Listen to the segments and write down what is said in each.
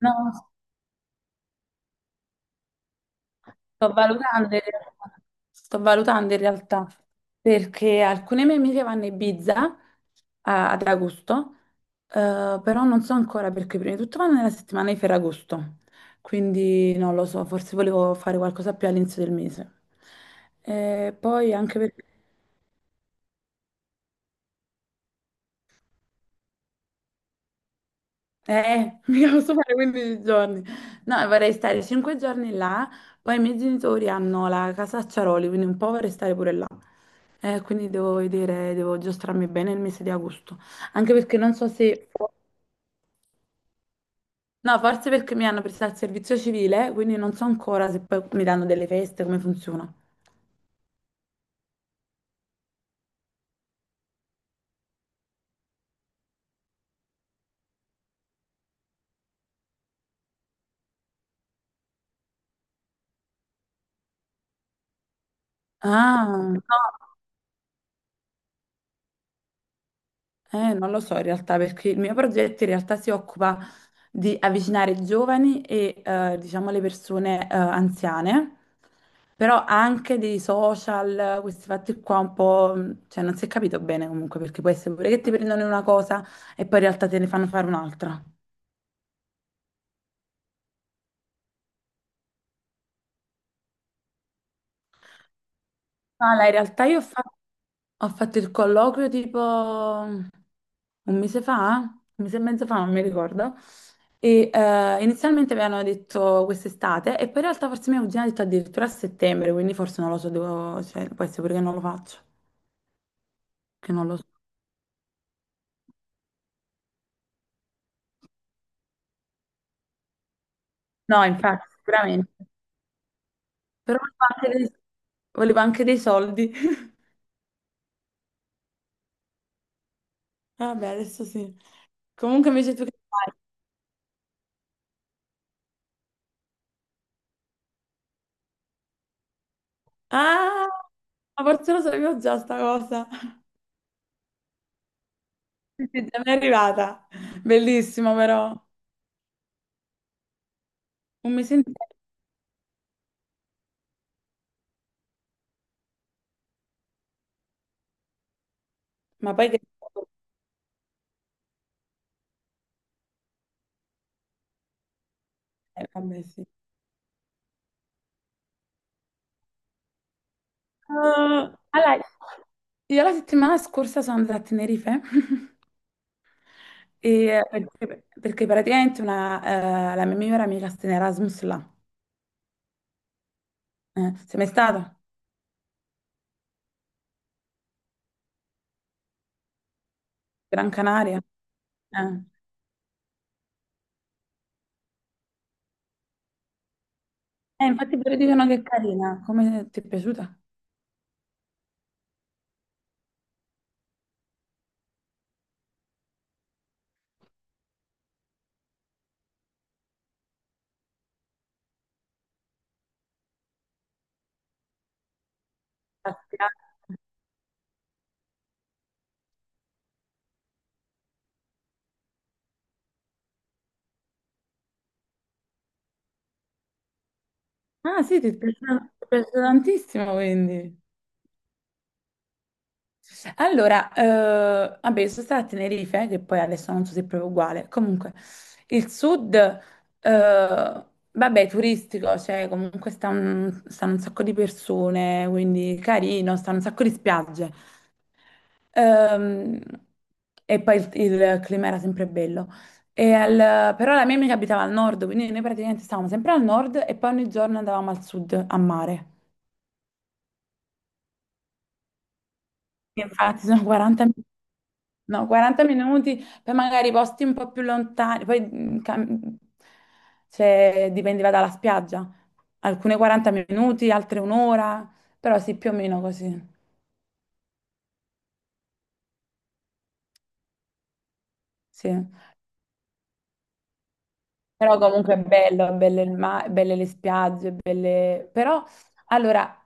No, sto valutando in realtà, sto valutando in realtà, perché alcune mie amiche vanno a Ibiza ad agosto, però non so ancora perché prima di tutto vanno nella settimana di Ferragosto, quindi non lo so, forse volevo fare qualcosa più all'inizio del mese. E poi anche perché. Mica posso fare 15 giorni. No, vorrei stare 5 giorni là, poi i miei genitori hanno la casa a Ciaroli, quindi un po' vorrei stare pure là. Quindi devo vedere, devo giostrarmi bene il mese di agosto. Anche perché non so se. No, forse perché mi hanno prestato il servizio civile, quindi non so ancora se poi mi danno delle feste, come funziona. Ah, no. Non lo so in realtà perché il mio progetto in realtà si occupa di avvicinare i giovani e diciamo le persone anziane, però anche dei social, questi fatti qua un po', cioè non si è capito bene comunque perché può essere pure che ti prendono una cosa e poi in realtà te ne fanno fare un'altra. Ala, in realtà io ho fatto il colloquio tipo un mese fa, un mese e mezzo fa, non mi ricordo. E inizialmente mi hanno detto quest'estate, e poi in realtà forse mia cugina ha detto addirittura a settembre, quindi forse non lo so, cioè, può essere pure che non lo faccio, che non lo so. No, infatti, sicuramente. Però volevo anche dei soldi. Vabbè, adesso sì. Comunque invece tu che fai? Ah, ma forse lo sapevo già sta cosa. Sì, sì, già mi è arrivata. Bellissimo, però. Un mese intero. Ma poi che. Vabbè, sì. Allora, io la settimana scorsa sono andata a Tenerife perché, praticamente una, la mia migliore amica sta in Erasmus là. Sei mai stato? Gran Canaria? Eh. Infatti pure dicono che è carina. Come ti è piaciuta? La spiaggia? Ah, sì, ti è piaciuta, tantissimo, quindi. Allora, vabbè, io sono stata a Tenerife, che poi adesso non so se è proprio uguale. Comunque, il sud, vabbè, è turistico, cioè comunque stanno un sacco di persone, quindi carino, stanno un sacco di spiagge. Ehm, e poi il clima era sempre bello. E però la mia amica abitava al nord, quindi noi praticamente stavamo sempre al nord e poi ogni giorno andavamo al sud a mare. Infatti sono 40 minuti. No, 40 minuti, poi magari posti un po' più lontani, poi cioè, dipendeva dalla spiaggia, alcune 40 minuti, altre un'ora, però sì, più o meno così, sì. Però comunque è bello il mare, belle le spiagge, belle. Però, allora,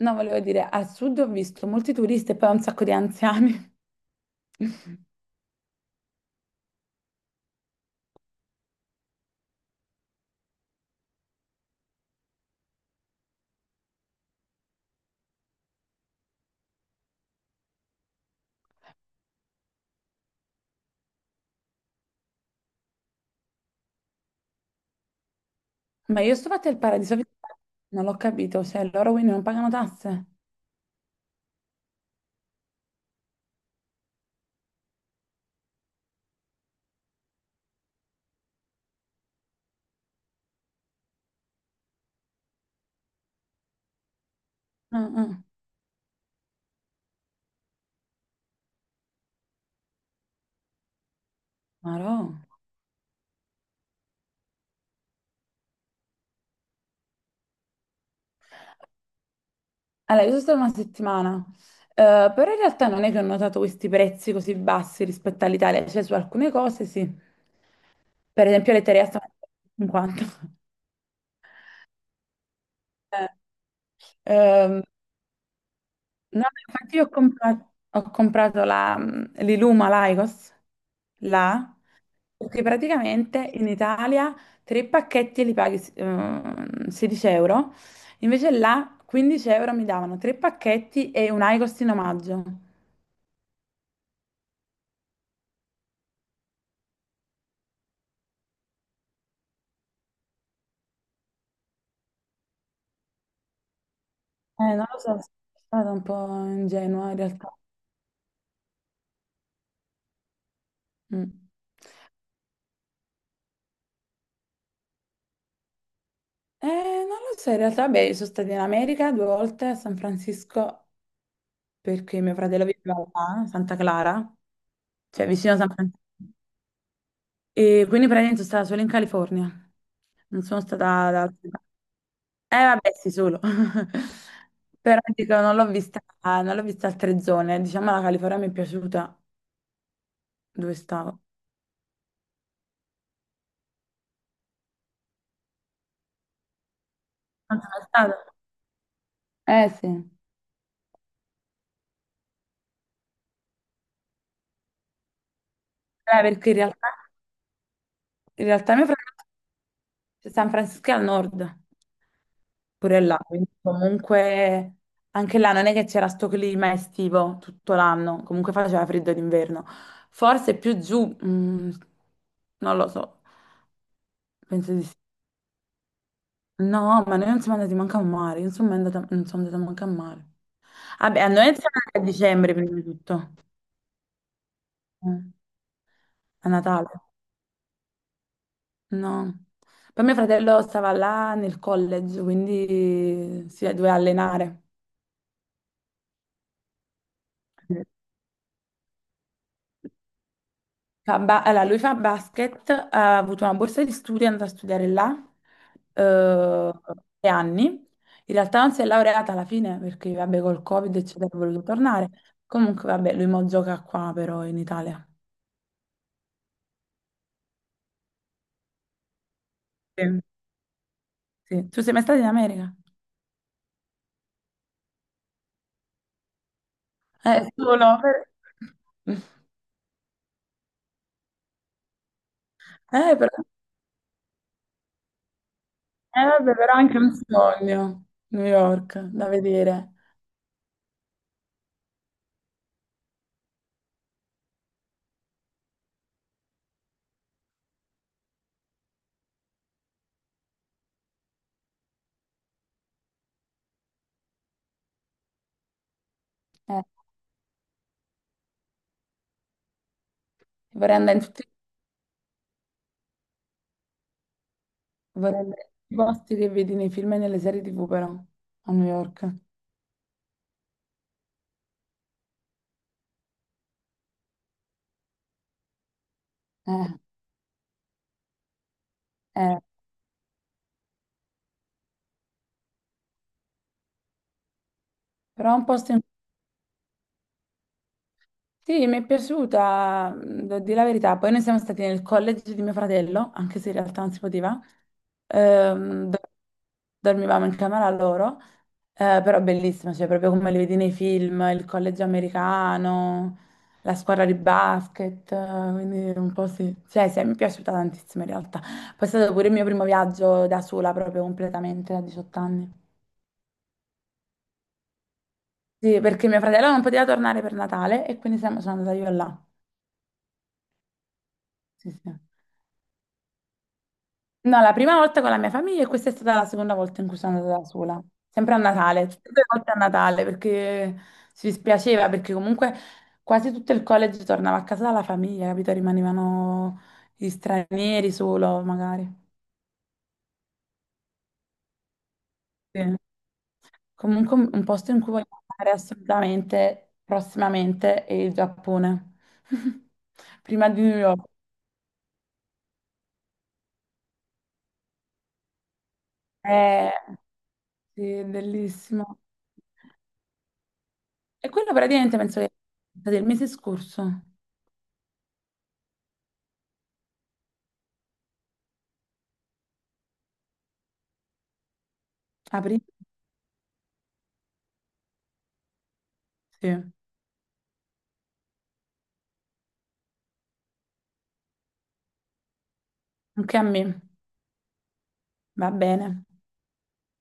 no, volevo dire, al sud ho visto molti turisti e poi un sacco di anziani. Ma io sto fatto il paradiso, fiscale, non l'ho capito, cioè loro quindi non pagano tasse? Ah, ah. Ma no. Allora, io sono stata una settimana, però in realtà non è che ho notato questi prezzi così bassi rispetto all'Italia, cioè su alcune cose sì, per esempio le terre stanno a 50. Eh, ehm, no, infatti io ho comprato l'Iluma Lycos, là, perché praticamente in Italia tre pacchetti li paghi 16 euro, invece là 15 euro mi davano tre pacchetti e un Lycos in omaggio. Non lo so, sono stata un po' ingenua in realtà. Mm. Eh, non lo so, in realtà, beh, sono stata in America due volte a San Francisco perché mio fratello viveva là, a Santa Clara, cioè vicino a San Francisco. E quindi praticamente sono stata solo in California, non sono stata da altre parti. Vabbè, sì, solo. Però dico, non l'ho vista altre zone. Diciamo, la California mi è piaciuta dove stavo. Non sono stata? Sì. Perché in realtà, mio fratello. Cioè, San Francisco è al nord, pure là, quindi comunque anche là non è che c'era sto clima estivo tutto l'anno, comunque faceva freddo d'inverno. Forse più giù, non lo so, penso di sì. No, ma noi non siamo andati manco a mare, io non sono mai andata, non sono andata manco a mare. Vabbè, a noi siamo andati a dicembre prima di tutto. Mm. A Natale, no. Poi mio fratello stava là nel college, quindi si doveva allenare. Allora, lui fa basket, ha avuto una borsa di studio, è andato a studiare là eh, 3 anni. In realtà non si è laureata alla fine perché, vabbè, col Covid, eccetera, ha voluto tornare. Comunque, vabbè, lui mo gioca qua però in Italia. Sì. Sì. Tu sei mai stato in America? Eh, solo per- Eh, però... eh, vabbè, però è anche un sogno, New York, da vedere. Eh, vorrei andare in tutti i posti che vedi nei film e nelle serie TV, però, a New York. Eh, eh, però è un posto in. Sì, mi è piaciuta, devo dire la verità. Poi noi siamo stati nel college di mio fratello, anche se in realtà non si poteva. Ehm, do- dormivamo in camera loro, però bellissima, cioè proprio come li vedi nei film, il college americano, la squadra di basket, quindi un po' sì. Cioè, sì, mi è piaciuta tantissimo in realtà. Poi è stato pure il mio primo viaggio da sola, proprio completamente, a 18 anni. Sì, perché mio fratello non poteva tornare per Natale e quindi sono andata io là. Sì, sì. No, la prima volta con la mia famiglia e questa è stata la seconda volta in cui sono andata da sola. Sempre a Natale, tutte e due volte a Natale perché si dispiaceva, perché comunque quasi tutto il college tornava a casa dalla famiglia, capito? Rimanevano gli stranieri solo, magari. Sì. Comunque un posto in cui voglio andare assolutamente prossimamente è il Giappone. Prima di New York. Eh, sì, è bellissimo. E quello praticamente penso che sia del mese scorso, aprile, sì, anche a me, va bene.